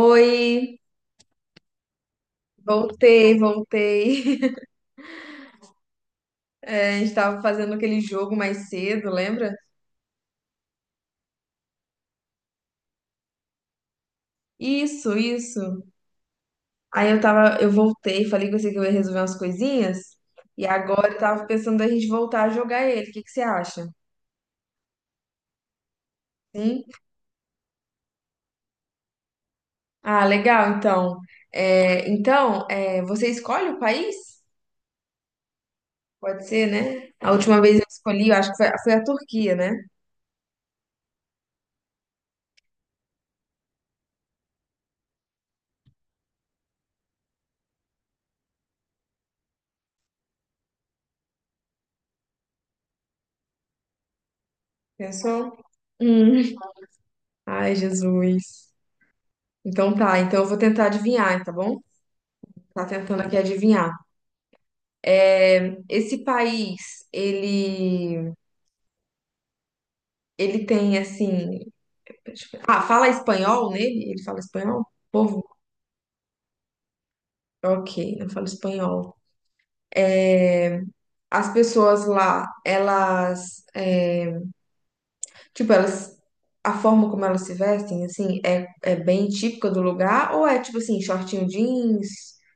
Oi, voltei, voltei. A gente tava fazendo aquele jogo mais cedo, lembra? Isso, isso. Eu voltei, falei com você que eu ia resolver umas coisinhas. E agora eu tava pensando da gente voltar a jogar ele. O que que você acha? Sim? Ah, legal, então. Então, você escolhe o país? Pode ser, né? A última vez eu escolhi, eu acho que foi a Turquia, né? Pensou? Hum. Ai, Jesus. Então tá, então eu vou tentar adivinhar, tá bom? Tá tentando aqui adivinhar. Esse país, ele tem assim, deixa eu ver. Fala espanhol nele? Ele fala espanhol? O povo? OK, não fala espanhol. As pessoas lá, elas, tipo, elas a forma como elas se vestem assim é bem típica do lugar, ou é tipo assim, shortinho jeans,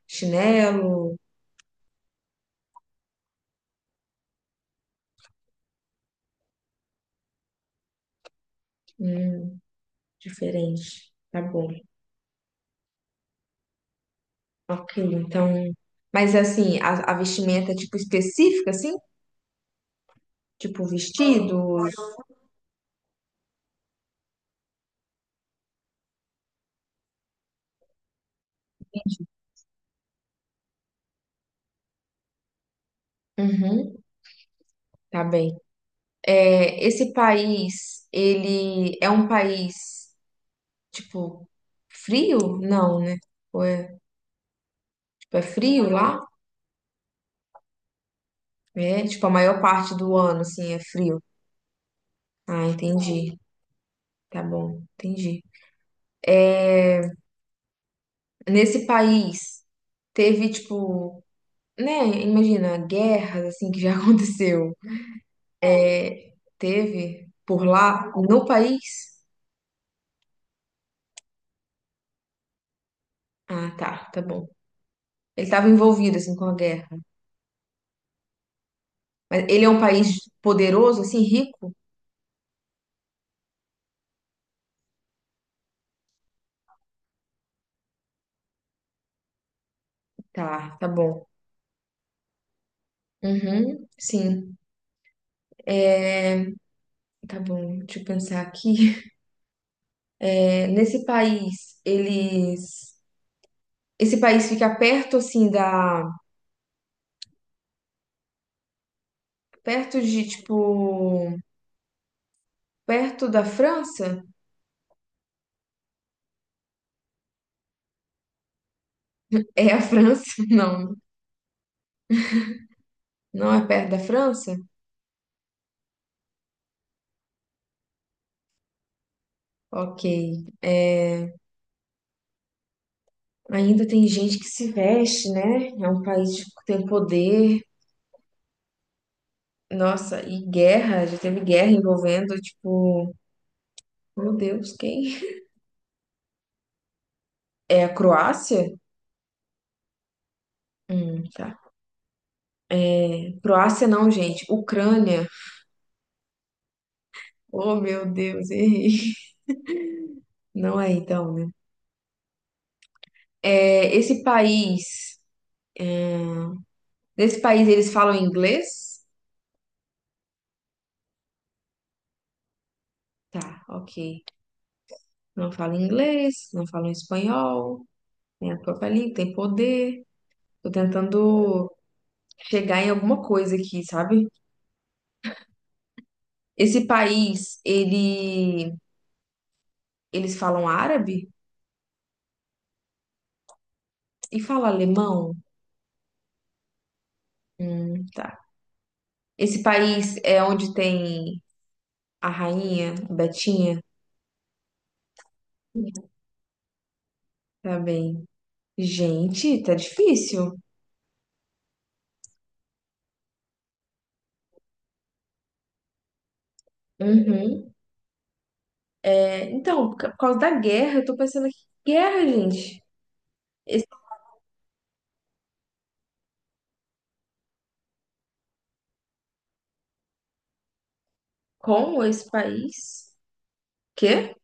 chinelo, hum, diferente. Tá bom. Ok, então. Mas assim, a vestimenta tipo específica, assim? Tipo vestidos? Uhum, tá bem. É, esse país, ele é um país, tipo, frio? Não, né? Ou é, tipo, é frio lá? É, tipo, a maior parte do ano, assim, é frio. Ah, entendi. Tá bom, entendi. Nesse país, teve, tipo, né? Imagina, guerras, assim, que já aconteceu. Teve por lá, no país? Ah, tá, tá bom. Ele estava envolvido, assim, com a guerra. Mas ele é um país poderoso, assim, rico? Tá, tá bom. Uhum, sim. É, tá bom, deixa eu pensar aqui. É, nesse país, eles... Esse país fica perto, assim, da... Perto de, tipo... Perto da França? É a França? Não, não é perto da França? Ok. É, ainda tem gente que se veste, né? É um país tipo, que tem poder. Nossa, e guerra, já teve guerra envolvendo, tipo, meu Deus, quem? É a Croácia? Tá. Croácia não, gente, Ucrânia. Oh, meu Deus, errei. Não é então, né? É, esse país, Nesse país eles falam inglês? Tá, ok. Não falam inglês, não falam espanhol, tem a própria língua, tem poder. Tô tentando chegar em alguma coisa aqui, sabe? Esse país, ele, Eles falam árabe? E fala alemão? Tá. Esse país é onde tem a rainha, a Betinha? Tá bem. Gente, tá difícil. Uhum. É, então, por causa da guerra, eu tô pensando aqui, guerra, gente. Esse, como esse país? Quê?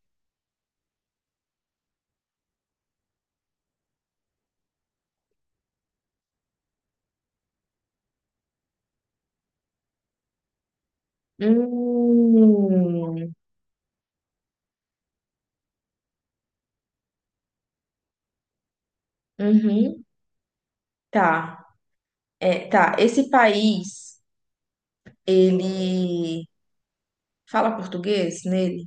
Hum, uhum. Tá. É, tá. Esse país, ele fala português nele?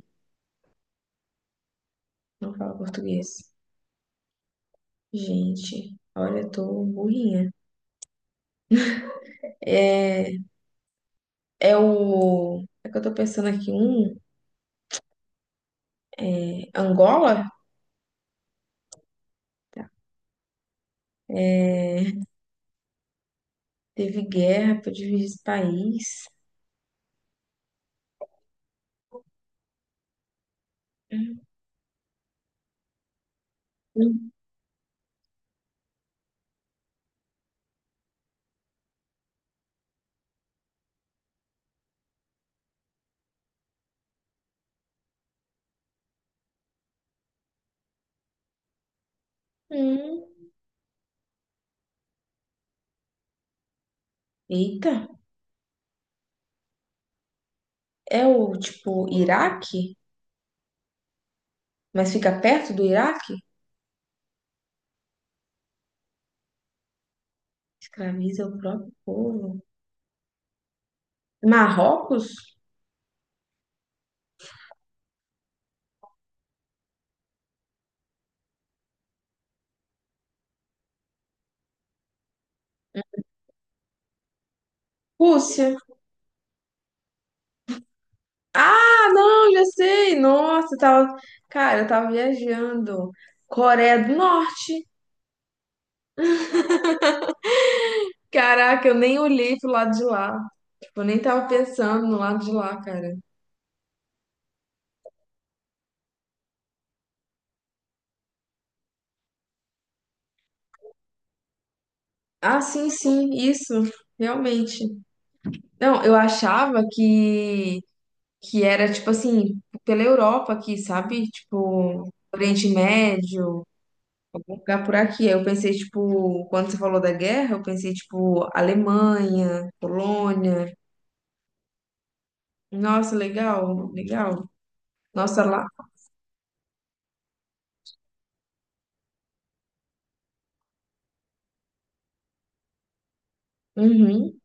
Não fala português. Gente, olha, eu tô burrinha. É, É o. É que eu tô pensando aqui, um. É Angola? Tá. É, teve guerra pra dividir esse país. Hum. Hum. Eita. É o, tipo, Iraque? Mas fica perto do Iraque? Escraviza o próprio povo. Marrocos? Rússia? Ah, não, já sei. Nossa, eu tava. Cara, eu tava viajando. Coreia do Norte. Caraca, eu nem olhei pro lado de lá. Tipo, eu nem tava pensando no lado de lá, cara. Ah, sim, sim, isso, realmente. Não, eu achava que era, tipo assim, pela Europa aqui, sabe? Tipo, Oriente Médio, algum lugar por aqui. Aí eu pensei, tipo, quando você falou da guerra, eu pensei, tipo, Alemanha, Polônia. Nossa, legal, legal. Nossa, lá. Uhum.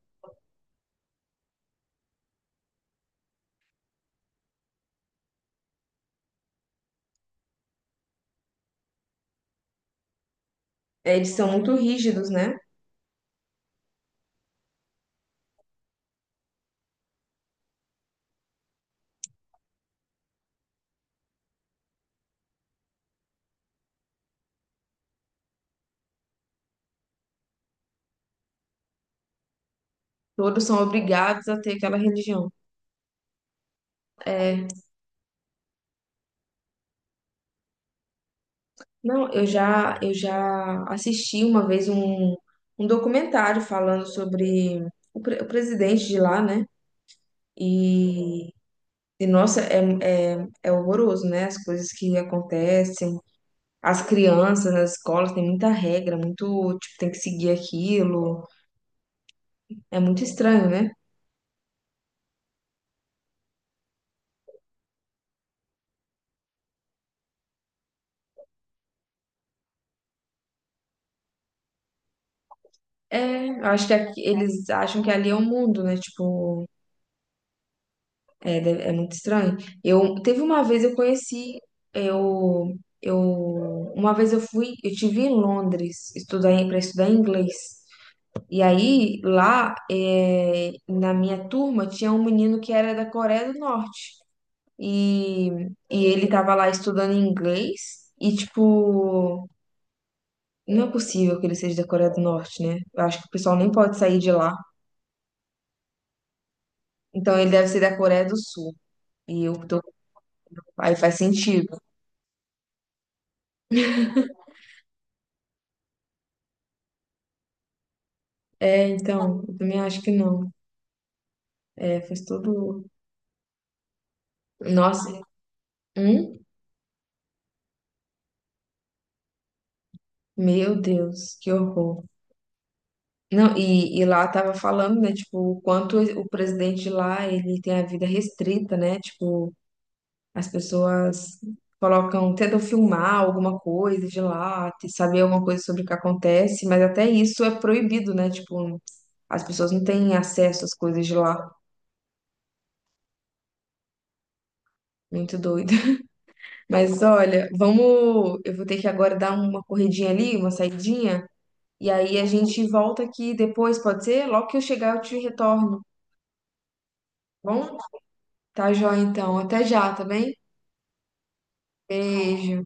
Eles são muito rígidos, né? Todos são obrigados a ter aquela religião. É, Não, eu já assisti uma vez um documentário falando sobre o, o presidente de lá, né? E, e nossa, é horroroso, né? As coisas que acontecem, as crianças nas escolas tem muita regra, muito, tipo, tem que seguir aquilo. É muito estranho, né? É, eu acho que eles acham que ali é o mundo, né? Tipo, É, é muito estranho. Eu teve uma vez eu conheci, eu Uma vez eu fui, eu tive em Londres estudar para estudar inglês. E aí lá na minha turma tinha um menino que era da Coreia do Norte e, e ele tava lá estudando inglês e tipo não é possível que ele seja da Coreia do Norte, né? Eu acho que o pessoal nem pode sair de lá. Então ele deve ser da Coreia do Sul. E eu tô, Aí faz sentido. É, então, eu também acho que não. É, fez tudo. Nossa, hum? Meu Deus, que horror. Não, e lá tava falando, né, tipo, o quanto o presidente de lá, ele tem a vida restrita, né? Tipo, as pessoas colocam, tentam filmar alguma coisa de lá, saber alguma coisa sobre o que acontece, mas até isso é proibido, né? Tipo, as pessoas não têm acesso às coisas de lá. Muito doido. Mas olha, vamos, eu vou ter que agora dar uma corridinha ali, uma saidinha. E aí a gente volta aqui depois, pode ser? Logo que eu chegar, eu te retorno, tá bom? Tá joia, então. Até já, tá bem? Beijo.